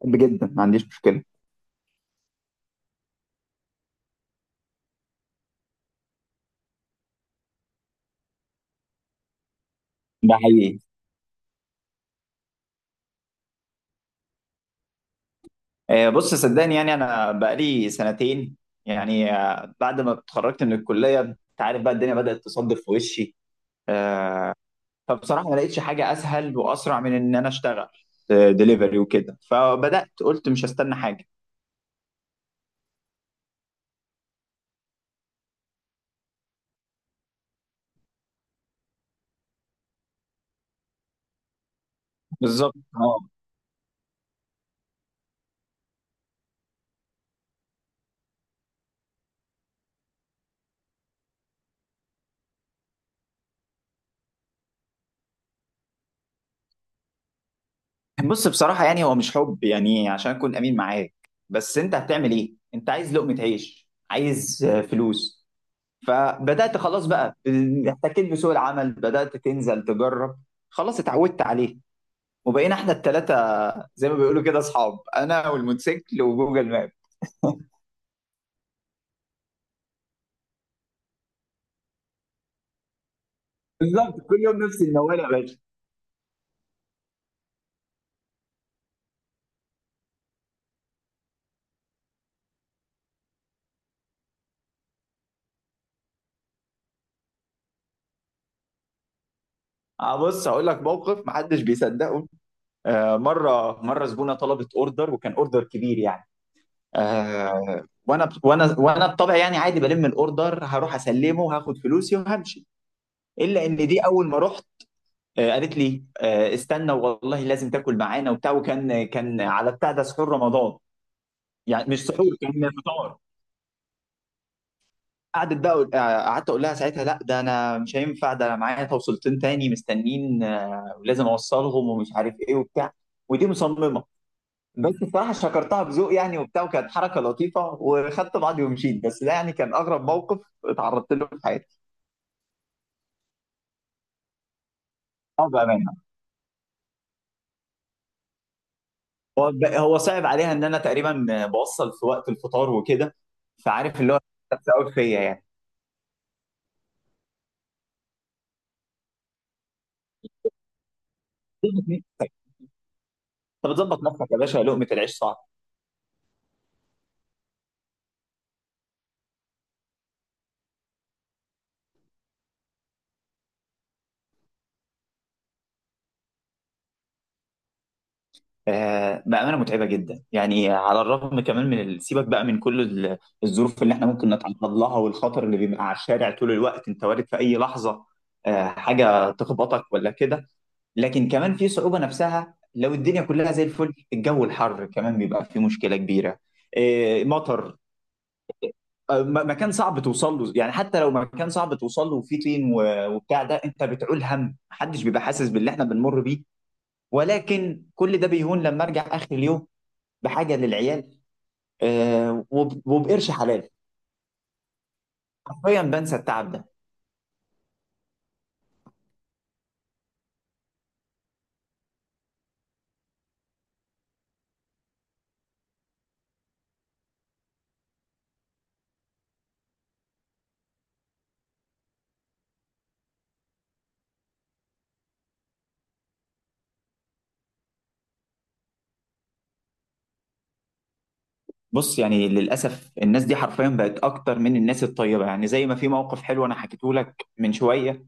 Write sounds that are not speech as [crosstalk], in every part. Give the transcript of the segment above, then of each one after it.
بحب جدا ما عنديش مشكلة. ده حقيقي. بص صدقني يعني أنا بقالي سنتين، يعني بعد ما اتخرجت من الكلية أنت عارف بقى الدنيا بدأت تصدف في وشي. آه، فبصراحة ما لقيتش حاجة أسهل وأسرع من إن أنا أشتغل دليفري وكده، فبدأت قلت مش هستنى حاجة. بالظبط اه. بص بصراحة يعني هو مش حب، يعني عشان أكون أمين معاك، بس أنت هتعمل إيه؟ أنت عايز لقمة عيش، عايز فلوس. فبدات خلاص بقى، احتكيت بسوق العمل، بدات تنزل تجرب، خلاص اتعودت عليه. وبقينا احنا الثلاثه زي ما بيقولوا كده اصحاب، انا والموتوسيكل وجوجل ماب. بالظبط كل يوم نفس الموال يا باشا. بص هقول لك موقف محدش بيصدقه. مره زبونه طلبت اوردر، وكان اوردر كبير يعني. وانا بطبعي يعني عادي بلم الاوردر، هروح اسلمه وهاخد فلوسي وهمشي. الا ان دي اول ما رحت قالت لي استنى، والله لازم تاكل معانا وبتاع، وكان على بتاع ده سحور رمضان. يعني مش سحور، كان فطار. قعدت بقى أقول- آه، قعدت اقول لها ساعتها لا، ده انا مش هينفع، ده انا معايا توصيلتين تاني مستنين ولازم اوصلهم ومش عارف ايه وبتاع. ودي مصممه، بس بصراحه شكرتها بذوق يعني وبتاع، وكانت حركه لطيفه، وخدت بعضي ومشيت. بس ده يعني كان اغرب موقف اتعرضت له في حياتي. اه بامانه. هو صعب عليها ان انا تقريبا بوصل في وقت الفطار وكده. فعارف اللي هو قوي فيا يعني. انت بتظبط نفسك يا باشا، لقمه العيش صعب. آه بامانه متعبه جدا يعني، على الرغم كمان من سيبك بقى من كل الظروف اللي احنا ممكن نتعرض لها، والخطر اللي بيبقى على الشارع طول الوقت، انت وارد في اي لحظه حاجه تخبطك ولا كده. لكن كمان في صعوبه نفسها، لو الدنيا كلها زي الفل الجو الحر كمان بيبقى فيه مشكله كبيره، مطر، مكان صعب توصل له، يعني حتى لو مكان صعب توصل له وفيه طين وبتاع ده، انت بتعول هم، محدش بيبقى حاسس باللي احنا بنمر بيه. ولكن كل ده بيهون لما ارجع اخر اليوم بحاجه للعيال، وبقرش حلال، حرفيا بنسى التعب ده. بص يعني للاسف الناس دي حرفيا بقت اكتر من الناس الطيبه، يعني زي ما في موقف حلو انا حكيته لك من شويه،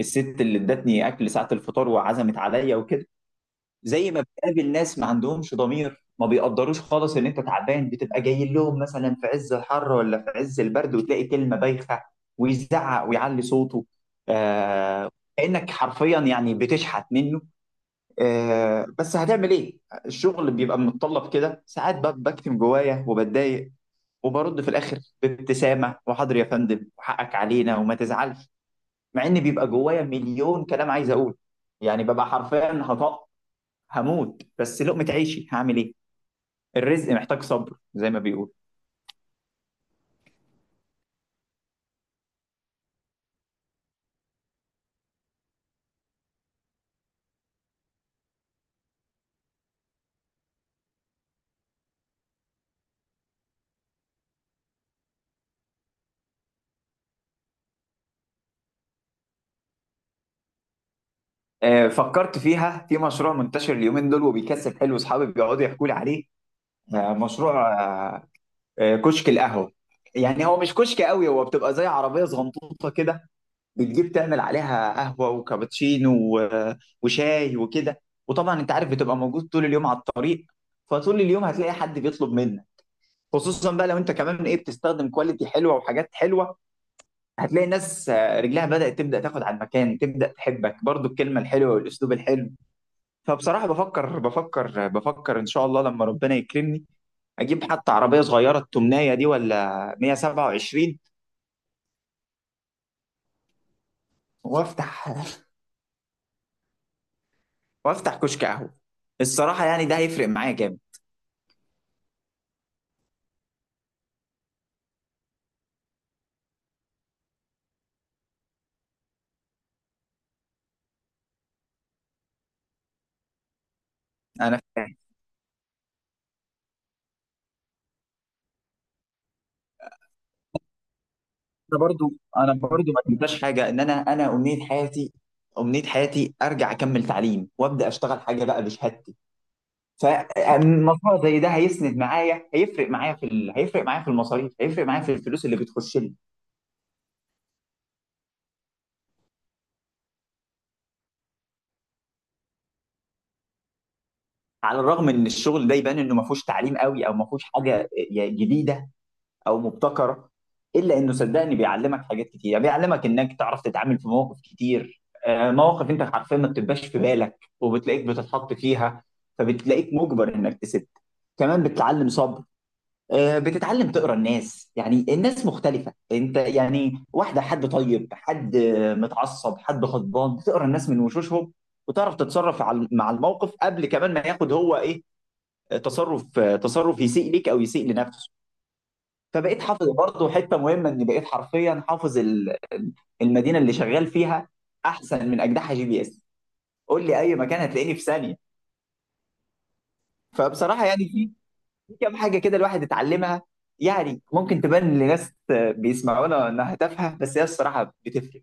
الست اللي ادتني اكل ساعه الفطار وعزمت عليا وكده، زي ما بتقابل ناس ما عندهمش ضمير، ما بيقدروش خالص ان انت تعبان بتبقى جاي لهم، مثلا في عز الحر ولا في عز البرد، وتلاقي كلمة بايخة ويزعق ويعلي صوته. آه، كأنك حرفيا يعني بتشحت منه. آه، بس هتعمل ايه؟ الشغل بيبقى متطلب كده ساعات، بكتم جوايا وبتضايق وبرد في الاخر بابتسامة وحاضر يا فندم وحقك علينا وما تزعلش، مع ان بيبقى جوايا مليون كلام عايز اقول. يعني ببقى حرفيا هطقطق، هموت، بس لقمة عيشي هعمل ايه؟ الرزق محتاج صبر زي ما بيقول. فكرت فيها، في مشروع منتشر اليومين دول وبيكسب حلو، اصحابي بيقعدوا يحكوا لي عليه. آه، مشروع آه، آه، كشك القهوة. يعني هو مش كشك قوي، هو بتبقى زي عربية صغنطوطة كده، بتجيب تعمل عليها قهوة وكابتشينو و- وشاي وكده. وطبعا انت عارف بتبقى موجود طول اليوم على الطريق، فطول اليوم هتلاقي حد بيطلب منك، خصوصا بقى لو انت كمان ايه بتستخدم كواليتي حلوة وحاجات حلوة، هتلاقي ناس رجلها بدأت تبدأ تاخد على المكان، تبدأ تحبك برضو الكلمة الحلوة والأسلوب الحلو. فبصراحة بفكر، إن شاء الله لما ربنا يكرمني أجيب حتى عربية صغيرة التمناية دي ولا 127 وأفتح [laughs] وأفتح كشك قهوة. الصراحة يعني ده هيفرق معايا جامد. أنا فاهم. أنا برضو ما تنساش حاجة، إن أنا أمنية حياتي أرجع أكمل تعليم وأبدأ أشتغل حاجة بقى بشهادتي. فمشروع زي ده هيسند معايا، هيفرق معايا في ال... هيفرق معايا في المصاريف، هيفرق معايا في الفلوس اللي بتخش لي. على الرغم ان الشغل ده يبان انه ما فيهوش تعليم قوي او ما فيهوش حاجه جديده او مبتكره، الا انه صدقني بيعلمك حاجات كتير، بيعلمك انك تعرف تتعامل في مواقف كتير، مواقف انت حرفيا ما بتبقاش في بالك وبتلاقيك بتتحط فيها، فبتلاقيك مجبر انك تسد. كمان بتتعلم صبر، بتتعلم تقرا الناس. يعني الناس مختلفة انت يعني واحدة، حد طيب، حد متعصب، حد غضبان، بتقرا الناس من وشوشهم وتعرف تتصرف مع الموقف قبل كمان ما ياخد هو ايه، تصرف يسيء ليك او يسيء لنفسه. فبقيت حافظ برضه حتة مهمة، ان بقيت حرفيا حافظ المدينة اللي شغال فيها احسن من اجدحها جي بي اس، قول لي اي مكان هتلاقيني في ثانية. فبصراحة يعني كام حاجه كده الواحد اتعلمها، يعني ممكن تبان لناس بيسمعونا انها تافهه، بس هي الصراحه بتفرق.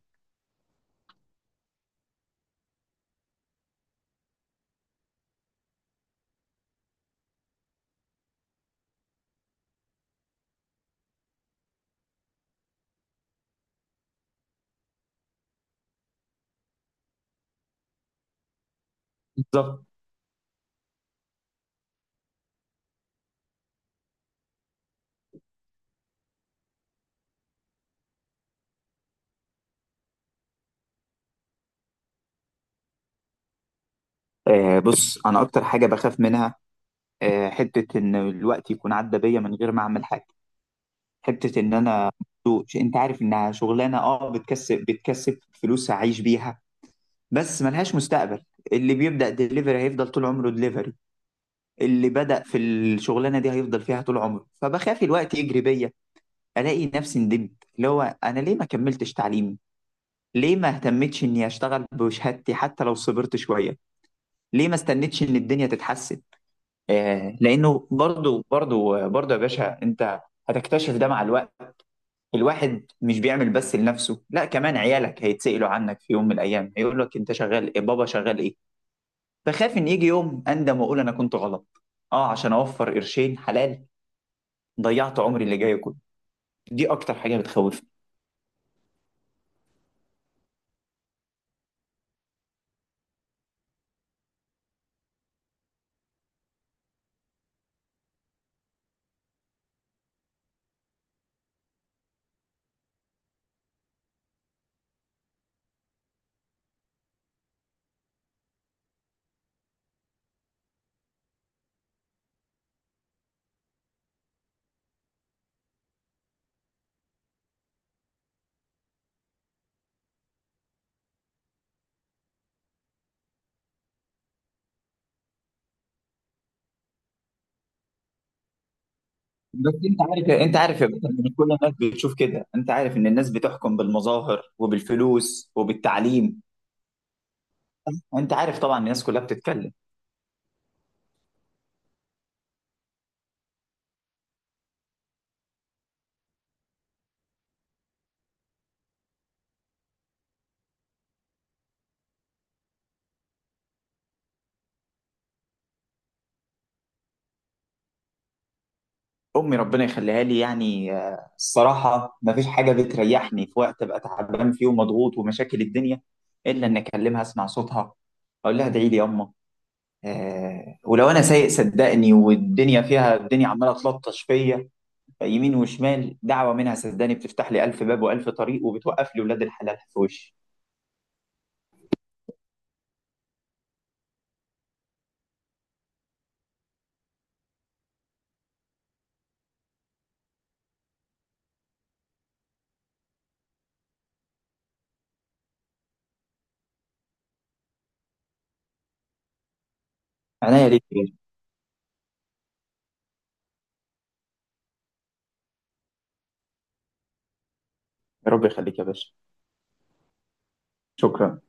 بالظبط. آه، بص انا اكتر حاجه بخاف منها، حته ان الوقت يكون عدى بيا من غير ما اعمل حاجه، حته ان انا، انت عارف انها شغلانه اه، بتكسب فلوس اعيش بيها، بس ملهاش مستقبل. اللي بيبدا دليفري هيفضل طول عمره دليفري، اللي بدا في الشغلانه دي هيفضل فيها طول عمره. فبخاف الوقت يجري بيا، الاقي نفسي ندمت، اللي هو انا ليه ما كملتش تعليمي، ليه ما اهتمتش اني اشتغل بشهادتي حتى لو صبرت شويه، ليه ما استنيتش ان الدنيا تتحسن. آه، لانه برضو يا باشا انت هتكتشف ده مع الوقت. الواحد مش بيعمل بس لنفسه، لا كمان عيالك هيتسألوا عنك في يوم من الايام، هيقول لك انت شغال ايه بابا، شغال ايه. فخاف ان يجي يوم اندم واقول انا كنت غلط، اه عشان اوفر قرشين حلال ضيعت عمري اللي جاي كله. دي اكتر حاجه بتخوف. بس انت عارف، انت عارف يا بطل، ان كل الناس بتشوف كده، انت عارف ان الناس بتحكم بالمظاهر وبالفلوس وبالتعليم، انت عارف طبعا الناس كلها بتتكلم. امي ربنا يخليها لي، يعني الصراحه ما فيش حاجه بتريحني في وقت ابقى تعبان فيه ومضغوط ومشاكل الدنيا الا ان اكلمها، اسمع صوتها، اقول لها ادعي لي يما. ولو انا سايق صدقني والدنيا فيها، الدنيا عماله تلطش فيا يمين وشمال، دعوه منها صدقني بتفتح لي الف باب والف طريق، وبتوقف لي ولاد الحلال في وشي. عناية ليك يا باشا. يا رب يخليك يا باشا. شكرا.